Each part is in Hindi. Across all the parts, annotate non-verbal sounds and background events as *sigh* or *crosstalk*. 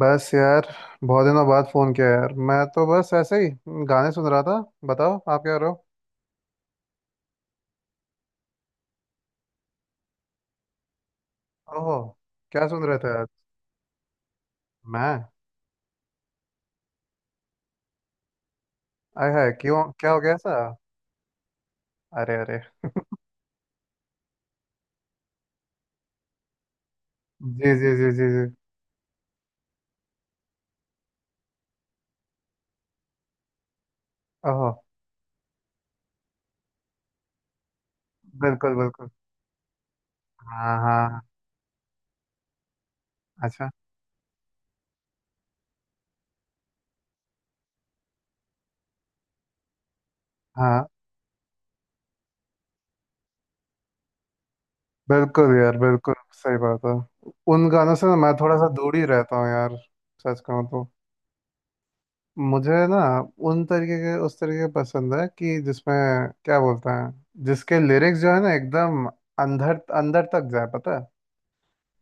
बस यार। बहुत दिनों बाद फोन किया यार, मैं तो बस ऐसे ही गाने सुन रहा था। बताओ आप क्या करो। ओहो। क्या सुन रहे थे यार? मैं। आय हाय, क्यों? क्या हो गया ऐसा? अरे अरे। जी जी जी जी जी। ओहो। बिल्कुल बिल्कुल। हाँ हाँ। अच्छा। हाँ। बिल्कुल यार, बिल्कुल सही बात है। उन गानों से ना मैं थोड़ा सा दूर ही रहता हूँ यार, सच कहूँ तो। मुझे ना उन तरीके के उस तरीके पसंद है, कि जिसमें, क्या बोलते हैं, जिसके लिरिक्स जो है ना, एकदम अंदर अंदर तक जाए, पता है।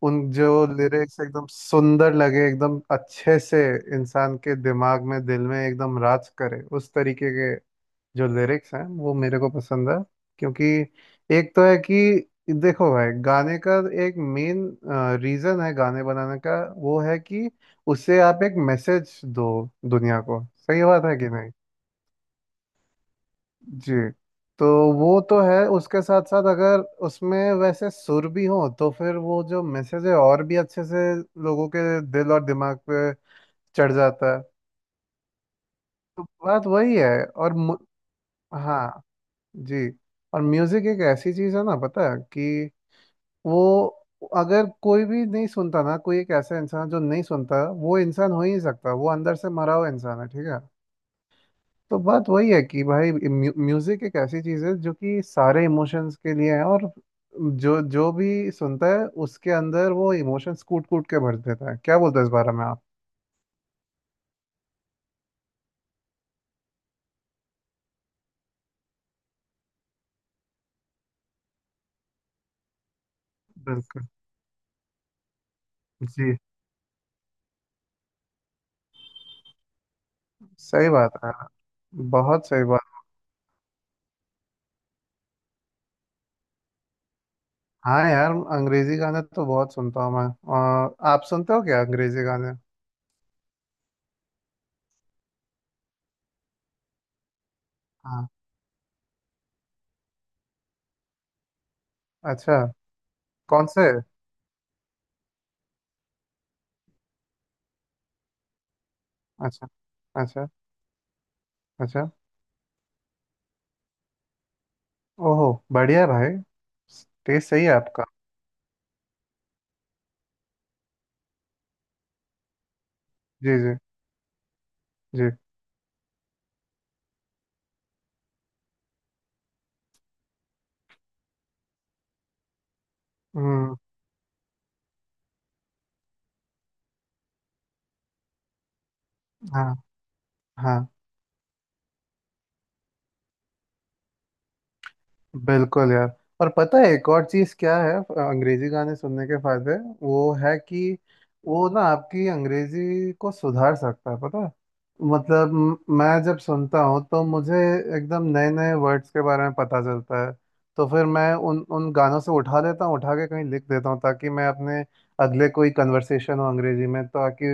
उन जो लिरिक्स एकदम सुंदर लगे, एकदम अच्छे से इंसान के दिमाग में दिल में एकदम राज करे, उस तरीके के जो लिरिक्स हैं वो मेरे को पसंद है। क्योंकि एक तो है कि, देखो भाई, गाने का एक मेन रीजन है गाने बनाने का, वो है कि उससे आप एक मैसेज दो दुनिया को। सही बात है कि नहीं? जी। तो वो तो है, उसके साथ साथ अगर उसमें वैसे सुर भी हो तो फिर वो जो मैसेज है और भी अच्छे से लोगों के दिल और दिमाग पे चढ़ जाता है। तो बात वही है। और मु- हाँ। जी। और म्यूजिक एक ऐसी चीज है ना, पता है कि वो, अगर कोई भी नहीं सुनता ना, कोई एक ऐसा इंसान जो नहीं सुनता, वो इंसान हो ही नहीं सकता, वो अंदर से मरा हुआ इंसान है, ठीक है। तो बात वही है कि भाई म्यूजिक एक ऐसी चीज है जो कि सारे इमोशंस के लिए है, और जो जो भी सुनता है उसके अंदर वो इमोशंस कूट कूट के भर देता है। क्या बोलते हैं इस बारे में आप? बिल्कुल। जी। सही बात है, बहुत सही बात। हाँ यार, अंग्रेजी गाने तो बहुत सुनता हूँ मैं। और आप सुनते हो क्या अंग्रेजी गाने? हाँ। अच्छा। कौन से? अच्छा। अच्छा। अच्छा। ओहो। बढ़िया भाई। टेस्ट सही है आपका। जी जी जी। हम्म। हाँ हाँ। बिल्कुल यार। और पता है एक और चीज़ क्या है अंग्रेजी गाने सुनने के फायदे? वो है कि वो ना आपकी अंग्रेजी को सुधार सकता है, पता है। मतलब मैं जब सुनता हूँ तो मुझे एकदम नए नए वर्ड्स के बारे में पता चलता है। तो फिर मैं उन उन गानों से उठा देता हूँ, उठा के कहीं लिख देता हूँ, ताकि मैं अपने अगले कोई कन्वर्सेशन हो अंग्रेजी में, ताकि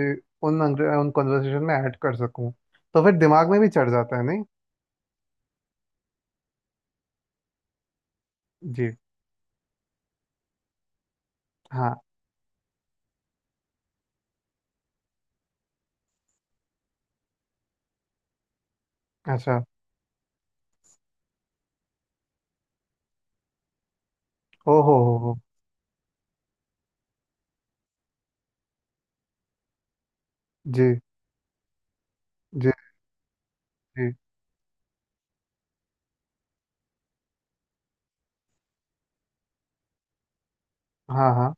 उन कन्वर्सेशन में ऐड कर सकूँ, तो फिर दिमाग में भी चढ़ जाता है, नहीं? जी। हाँ। अच्छा। ओ हो हो। जी जी जी। हाँ हाँ।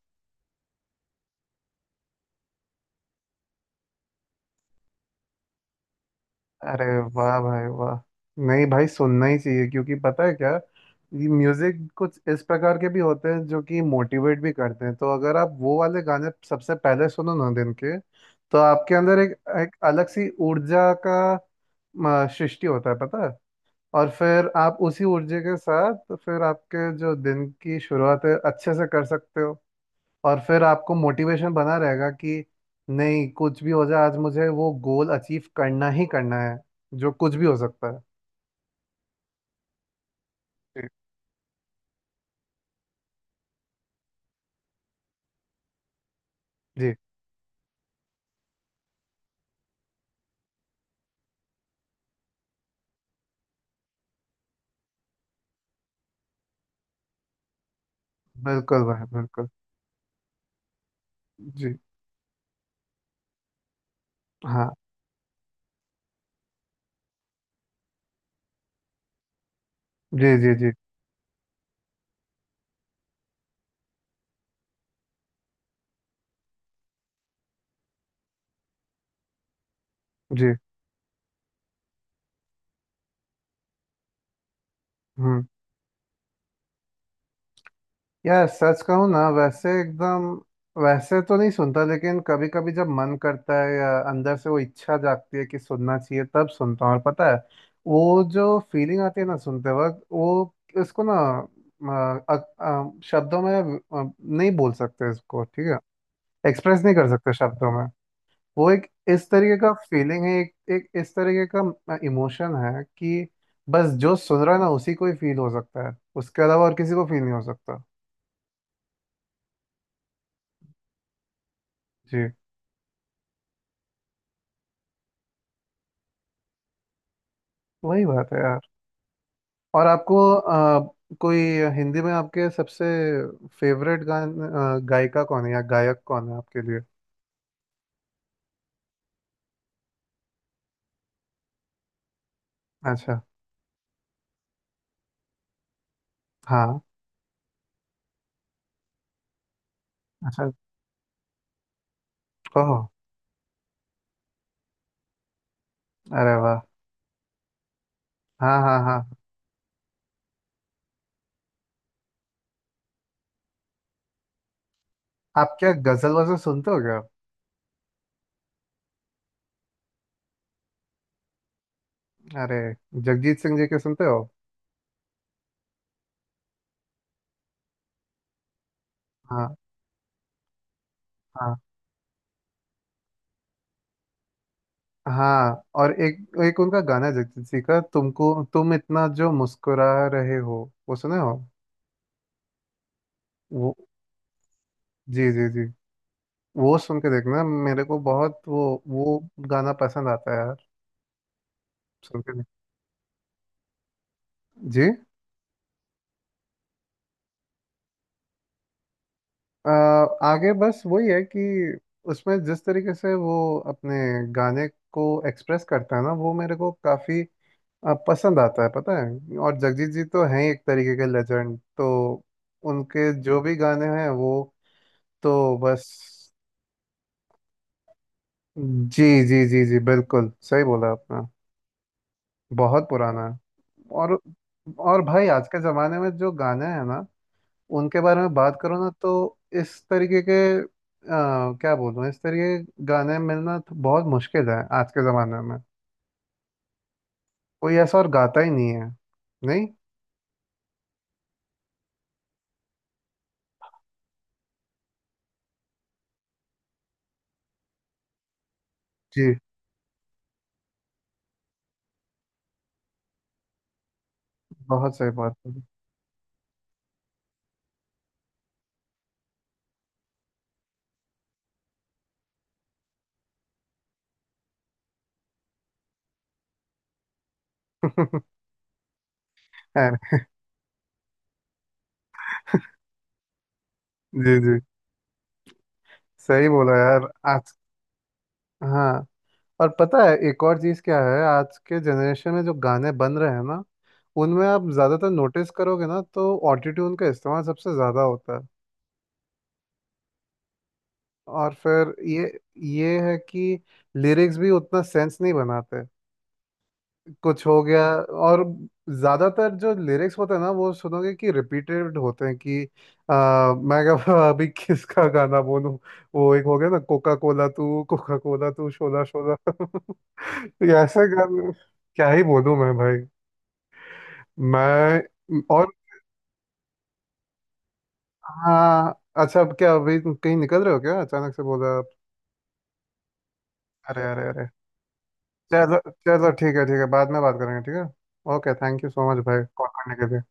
अरे वाह भाई वाह। नहीं भाई, सुनना ही चाहिए, क्योंकि पता है क्या, ये म्यूजिक कुछ इस प्रकार के भी होते हैं जो कि मोटिवेट भी करते हैं। तो अगर आप वो वाले गाने सबसे पहले सुनो ना दिन के, तो आपके अंदर एक, एक अलग सी ऊर्जा का सृष्टि होता है, पता है। और फिर आप उसी ऊर्जा के साथ फिर आपके जो दिन की शुरुआत है अच्छे से कर सकते हो। और फिर आपको मोटिवेशन बना रहेगा कि नहीं, कुछ भी हो जाए आज मुझे वो गोल अचीव करना ही करना है, जो कुछ भी हो सकता है। जी। जी। बिल्कुल भाई बिल्कुल। जी। हाँ। जी जी जी जी। हम्म। यार सच कहूँ ना, वैसे एकदम वैसे तो नहीं सुनता, लेकिन कभी कभी जब मन करता है या अंदर से वो इच्छा जागती है कि सुनना चाहिए तब सुनता हूँ। और पता है वो जो फीलिंग आती है ना सुनते वक्त, वो इसको ना अ, अ, शब्दों में नहीं बोल सकते इसको, ठीक है। एक्सप्रेस नहीं कर सकते शब्दों में। वो एक इस तरीके का फीलिंग है, एक इस तरीके का इमोशन है कि बस जो सुन रहा है ना उसी को ही फील हो सकता है, उसके अलावा और किसी को फील नहीं हो सकता। वही बात है यार। और आपको कोई हिंदी में आपके सबसे फेवरेट गायिका कौन है या गायक कौन है आपके लिए? अच्छा। हाँ। अच्छा। ओह। अरे वाह। हाँ हाँ हाँ। आप क्या गजल वजल सुनते हो क्या? अरे। जगजीत सिंह जी के सुनते हो? हाँ हाँ। हाँ और एक एक उनका गाना है जगजीत जी का, तुम इतना जो मुस्कुरा रहे हो, वो सुने हो? वो। जी जी जी। वो सुन के देखना, मेरे को बहुत वो गाना पसंद आता है सुनकर। जी। अ, आगे बस वही है कि उसमें जिस तरीके से वो अपने गाने को एक्सप्रेस करता है ना वो मेरे को काफी पसंद आता है, पता है। और जगजीत जी तो हैं ही एक तरीके के लेजेंड, तो उनके जो भी गाने हैं वो। तो बस। जी जी जी जी, बिल्कुल सही बोला आपने। बहुत पुराना है। और और भाई आज के जमाने में जो गाने हैं ना उनके बारे में बात करो ना, तो इस तरीके के क्या बोलूँ, इस तरीके के गाने मिलना तो बहुत मुश्किल है आज के ज़माने में। कोई ऐसा और गाता ही नहीं है। नहीं। जी। बहुत सही बात बोली। *laughs* यार। जी जी। सही बोला यार। आज। हाँ। और पता है एक और चीज़ क्या है, आज के जनरेशन में जो गाने बन रहे हैं ना उनमें आप ज़्यादातर नोटिस करोगे ना, तो ऑटोट्यून का इस्तेमाल सबसे ज़्यादा होता है। और फिर ये है कि लिरिक्स भी उतना सेंस नहीं बनाते, कुछ हो गया। और ज्यादातर जो लिरिक्स होते हैं ना वो सुनोगे कि रिपीटेड होते हैं, कि मैं क्या, *laughs* अभी किसका गाना बोलूं, वो एक हो गया ना, कोका कोला तू शोला शोला, *laughs* तो ऐसे गाने क्या ही बोलूं मैं भाई। मैं। और। हाँ। अच्छा, अब क्या अभी कहीं निकल रहे हो क्या, अचानक से बोला आप? अरे अरे अरे। चलो चलो, ठीक है ठीक है, बाद में बात करेंगे, ठीक है। Okay, thank you so much भाई, कॉल करने के लिए।